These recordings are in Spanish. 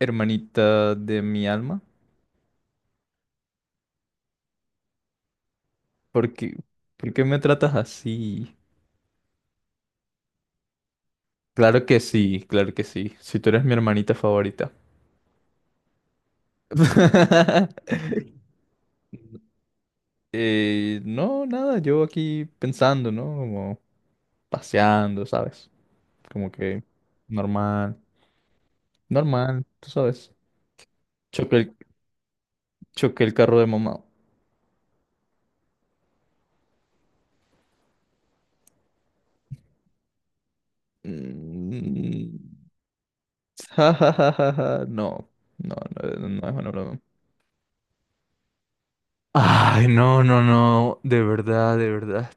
Hermanita de mi alma, ¿por qué, ¿por qué me tratas así? Claro que sí, claro que sí. Si tú eres mi hermanita favorita. No, nada, yo aquí pensando, ¿no? Como paseando, ¿sabes? Como que normal, normal, tú sabes. Choqué el, choqué el carro de mamá. Mm, ja, ja, ja, ja, ja. No, no, no, no es una broma. Ay, no, no, no, de verdad, de verdad.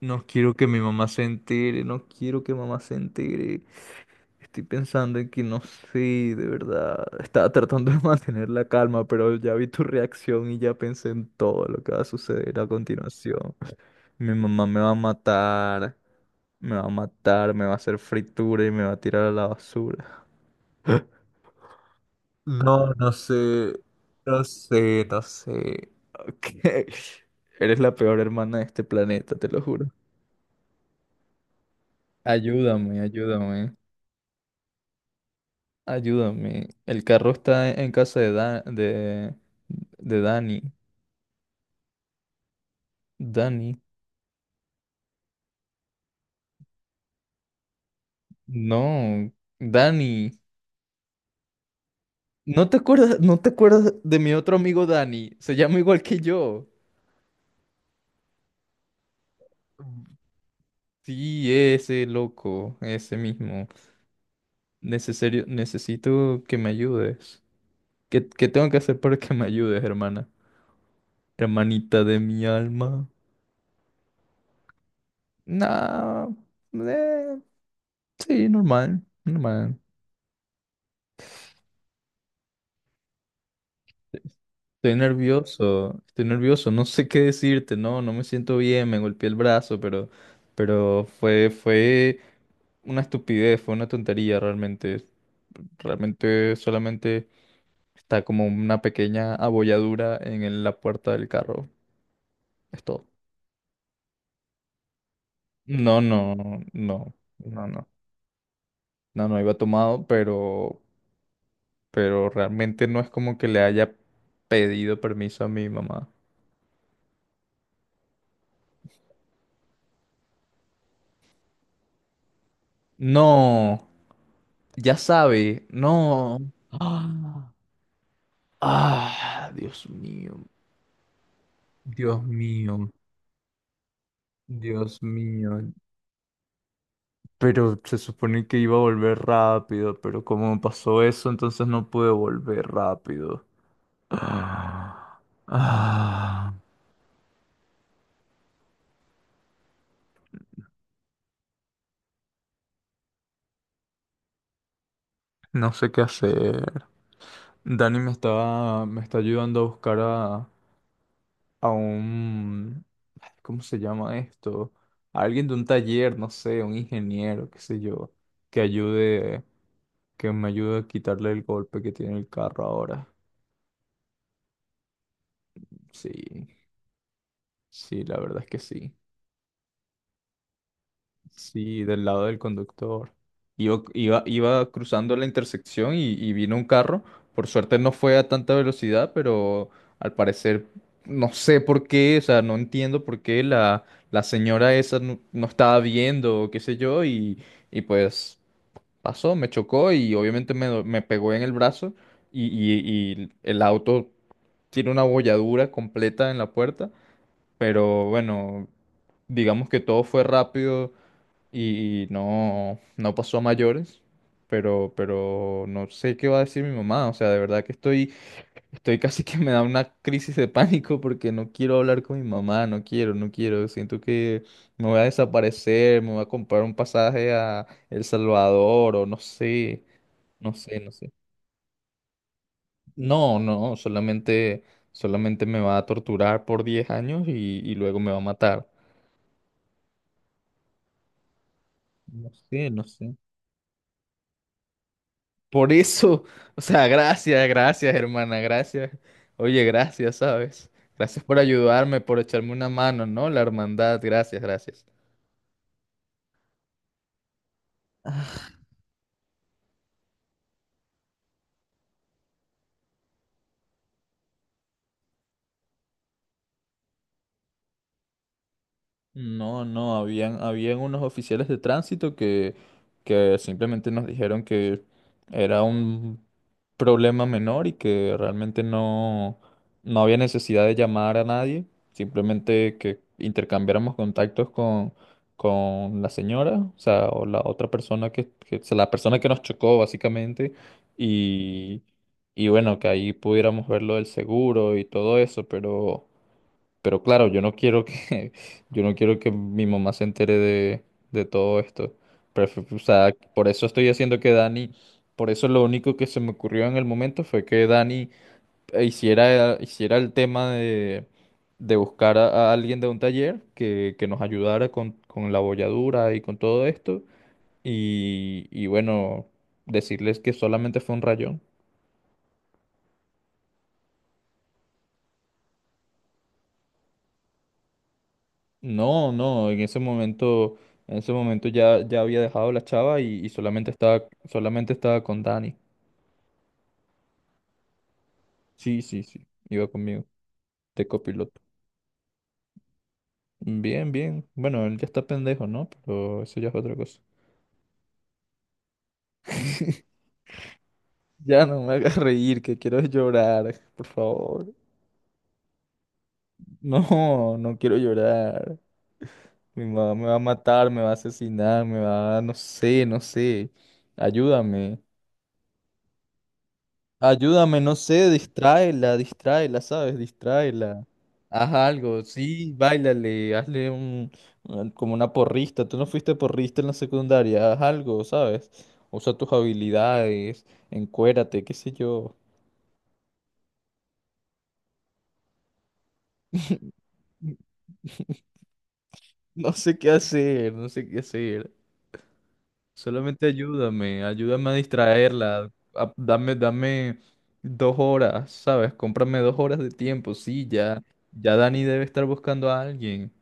No quiero que mi mamá se entere, no quiero que mamá se entere. Estoy pensando en que no sé, de verdad. Estaba tratando de mantener la calma, pero ya vi tu reacción y ya pensé en todo lo que va a suceder a continuación. Mi mamá me va a matar, me va a matar, me va a hacer fritura y me va a tirar a la basura. No, no sé, no sé. Ok. Eres la peor hermana de este planeta, te lo juro. Ayúdame, ayúdame, ayúdame. El carro está en casa de, de Dani. Dani. No, Dani. ¿No te acuerdas, no te acuerdas de mi otro amigo Dani? Se llama igual que yo. Sí, ese loco, ese mismo. Necesario, necesito que me ayudes. ¿Qué tengo que hacer para que me ayudes, hermana? Hermanita de mi alma. Nah, eh, sí, normal, normal. Estoy nervioso, no sé qué decirte, no, no me siento bien, me golpeé el brazo, pero, fue una estupidez, fue una tontería realmente. Realmente solamente está como una pequeña abolladura en la puerta del carro. Es todo. No, no, no, no, no. No, no iba tomado, pero realmente no es como que le haya pedido permiso a mi mamá. No, ya sabe, no. ¡Ah! Ah, Dios mío, Dios mío, Dios mío, pero se supone que iba a volver rápido, pero como pasó eso, entonces no pude volver rápido. Ah, ah, no sé qué hacer. Me está ayudando a buscar a un, ay, ¿cómo se llama esto? A alguien de un taller, no sé, un ingeniero, qué sé yo, que ayude, que me ayude a quitarle el golpe que tiene el carro ahora. Sí, sí, la verdad es que sí. Sí, del lado del conductor. Iba cruzando la intersección y vino un carro. Por suerte no fue a tanta velocidad, pero al parecer no sé por qué, o sea, no entiendo por qué la, la señora esa no, no estaba viendo o qué sé yo y pues pasó, me chocó y obviamente me pegó en el brazo y, y el auto tiene una bolladura completa en la puerta, pero bueno digamos que todo fue rápido, y no, no pasó a mayores, pero no sé qué va a decir mi mamá, o sea, de verdad que estoy, estoy casi que me da una crisis de pánico porque no quiero hablar con mi mamá, no quiero, no quiero, siento que me voy a desaparecer, me voy a comprar un pasaje a El Salvador o no sé, no sé. No, no, solamente, solamente me va a torturar por 10 años y luego me va a matar. No sé, no sé. Por eso, o sea, gracias, gracias, hermana, gracias. Oye, gracias, ¿sabes? Gracias por ayudarme, por echarme una mano, ¿no? La hermandad, gracias, gracias. No, no, habían unos oficiales de tránsito que simplemente nos dijeron que era un problema menor y que realmente no, no había necesidad de llamar a nadie, simplemente que intercambiáramos contactos con la señora, o sea, o sea, la persona que nos chocó básicamente, y, y bueno, que ahí pudiéramos ver lo del seguro y todo eso, pero... Pero claro, yo no quiero que, yo no quiero que mi mamá se entere de todo esto. O sea, por eso estoy haciendo que Dani, por eso lo único que se me ocurrió en el momento fue que Dani hiciera el tema de buscar a alguien de un taller que nos ayudara con la bolladura y con todo esto. Y bueno, decirles que solamente fue un rayón. No, no, en ese momento ya, ya había dejado la chava y solamente estaba con Dani. Sí, sí, sí, iba conmigo, de copiloto. Bien, bien. Bueno, él ya está pendejo, ¿no? Pero eso ya es otra cosa. Ya no me hagas reír, que quiero llorar, por favor. No, no quiero llorar. Mi mamá me va a matar, me va a asesinar, me va a... no sé, no sé. Ayúdame. Ayúdame, no sé, distráela, distráela, ¿sabes? Distráela. Haz algo, sí, báilale, como una porrista. Tú no fuiste porrista en la secundaria, haz algo, ¿sabes? Usa tus habilidades, encuérate, qué sé yo. No sé qué hacer, no sé qué hacer. Solamente ayúdame, ayúdame a distraerla. Dame, dame 2 horas, ¿sabes? Cómprame 2 horas de tiempo, sí, ya, ya Dani debe estar buscando a alguien.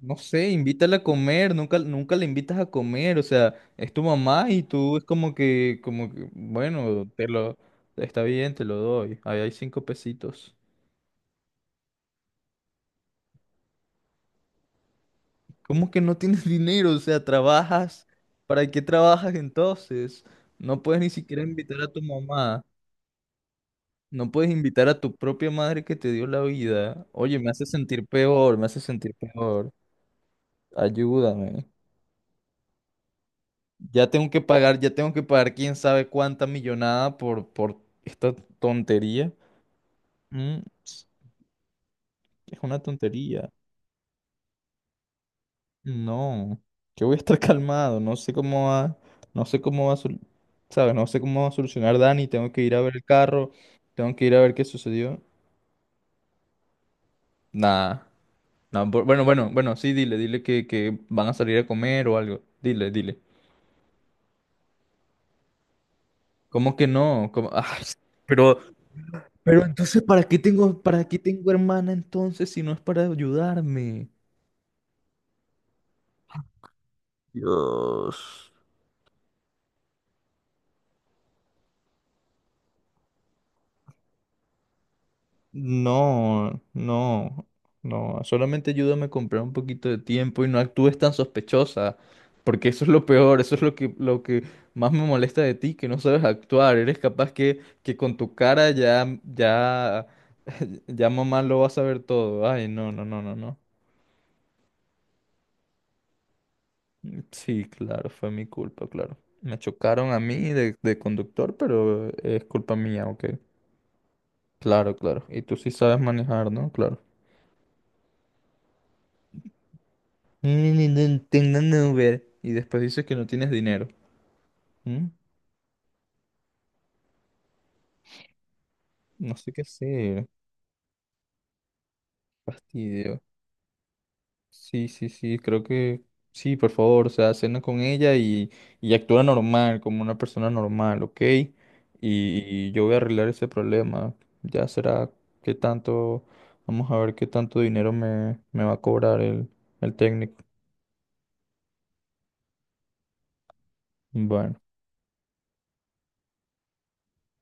No sé, invítala a comer, nunca, nunca la invitas a comer, o sea, es tu mamá y tú es como que, bueno, te lo, está bien, te lo doy, ahí hay cinco pesitos. ¿Cómo que no tienes dinero? O sea, trabajas, ¿para qué trabajas entonces? No puedes ni siquiera invitar a tu mamá, no puedes invitar a tu propia madre que te dio la vida. Oye, me hace sentir peor, me hace sentir peor, ayúdame. Ya tengo que pagar, ya tengo que pagar quién sabe cuánta millonada por esta tontería. Mm, ps, es una tontería. No, yo voy a estar calmado. No sé cómo va, no sé cómo va a, sol- ¿sabes? No sé cómo va a solucionar Dani. Tengo que ir a ver el carro. Tengo que ir a ver qué sucedió. Nada. No, bueno, bueno, bueno, sí, dile, dile que van a salir a comer o algo. Dile, dile. ¿Cómo que no? ¿Cómo? Ah, pero Pero entonces, para qué tengo hermana entonces si no es para ayudarme? Dios. No, no, no. Solamente ayúdame a comprar un poquito de tiempo y no actúes tan sospechosa. Porque eso es lo peor, eso es lo que más me molesta de ti, que no sabes actuar. Eres capaz que con tu cara ya, ya, ya mamá lo va a saber todo. Ay, no, no, no, no, no. Sí, claro, fue mi culpa, claro. Me chocaron a mí de conductor, pero es culpa mía, ok. Claro, claro. Y tú sí sabes manejar, ¿no? Claro. Ni ni ni tengo un Uber. Y después dices que no tienes dinero. ¿Mm? No sé qué hacer. Fastidio. Sí, sí, sí, creo que sí, por favor, o sea, cena con ella y actúa normal, como una persona normal, ¿ok? Y yo voy a arreglar ese problema. Ya será qué tanto, vamos a ver qué tanto dinero me, me va a cobrar el técnico. Bueno.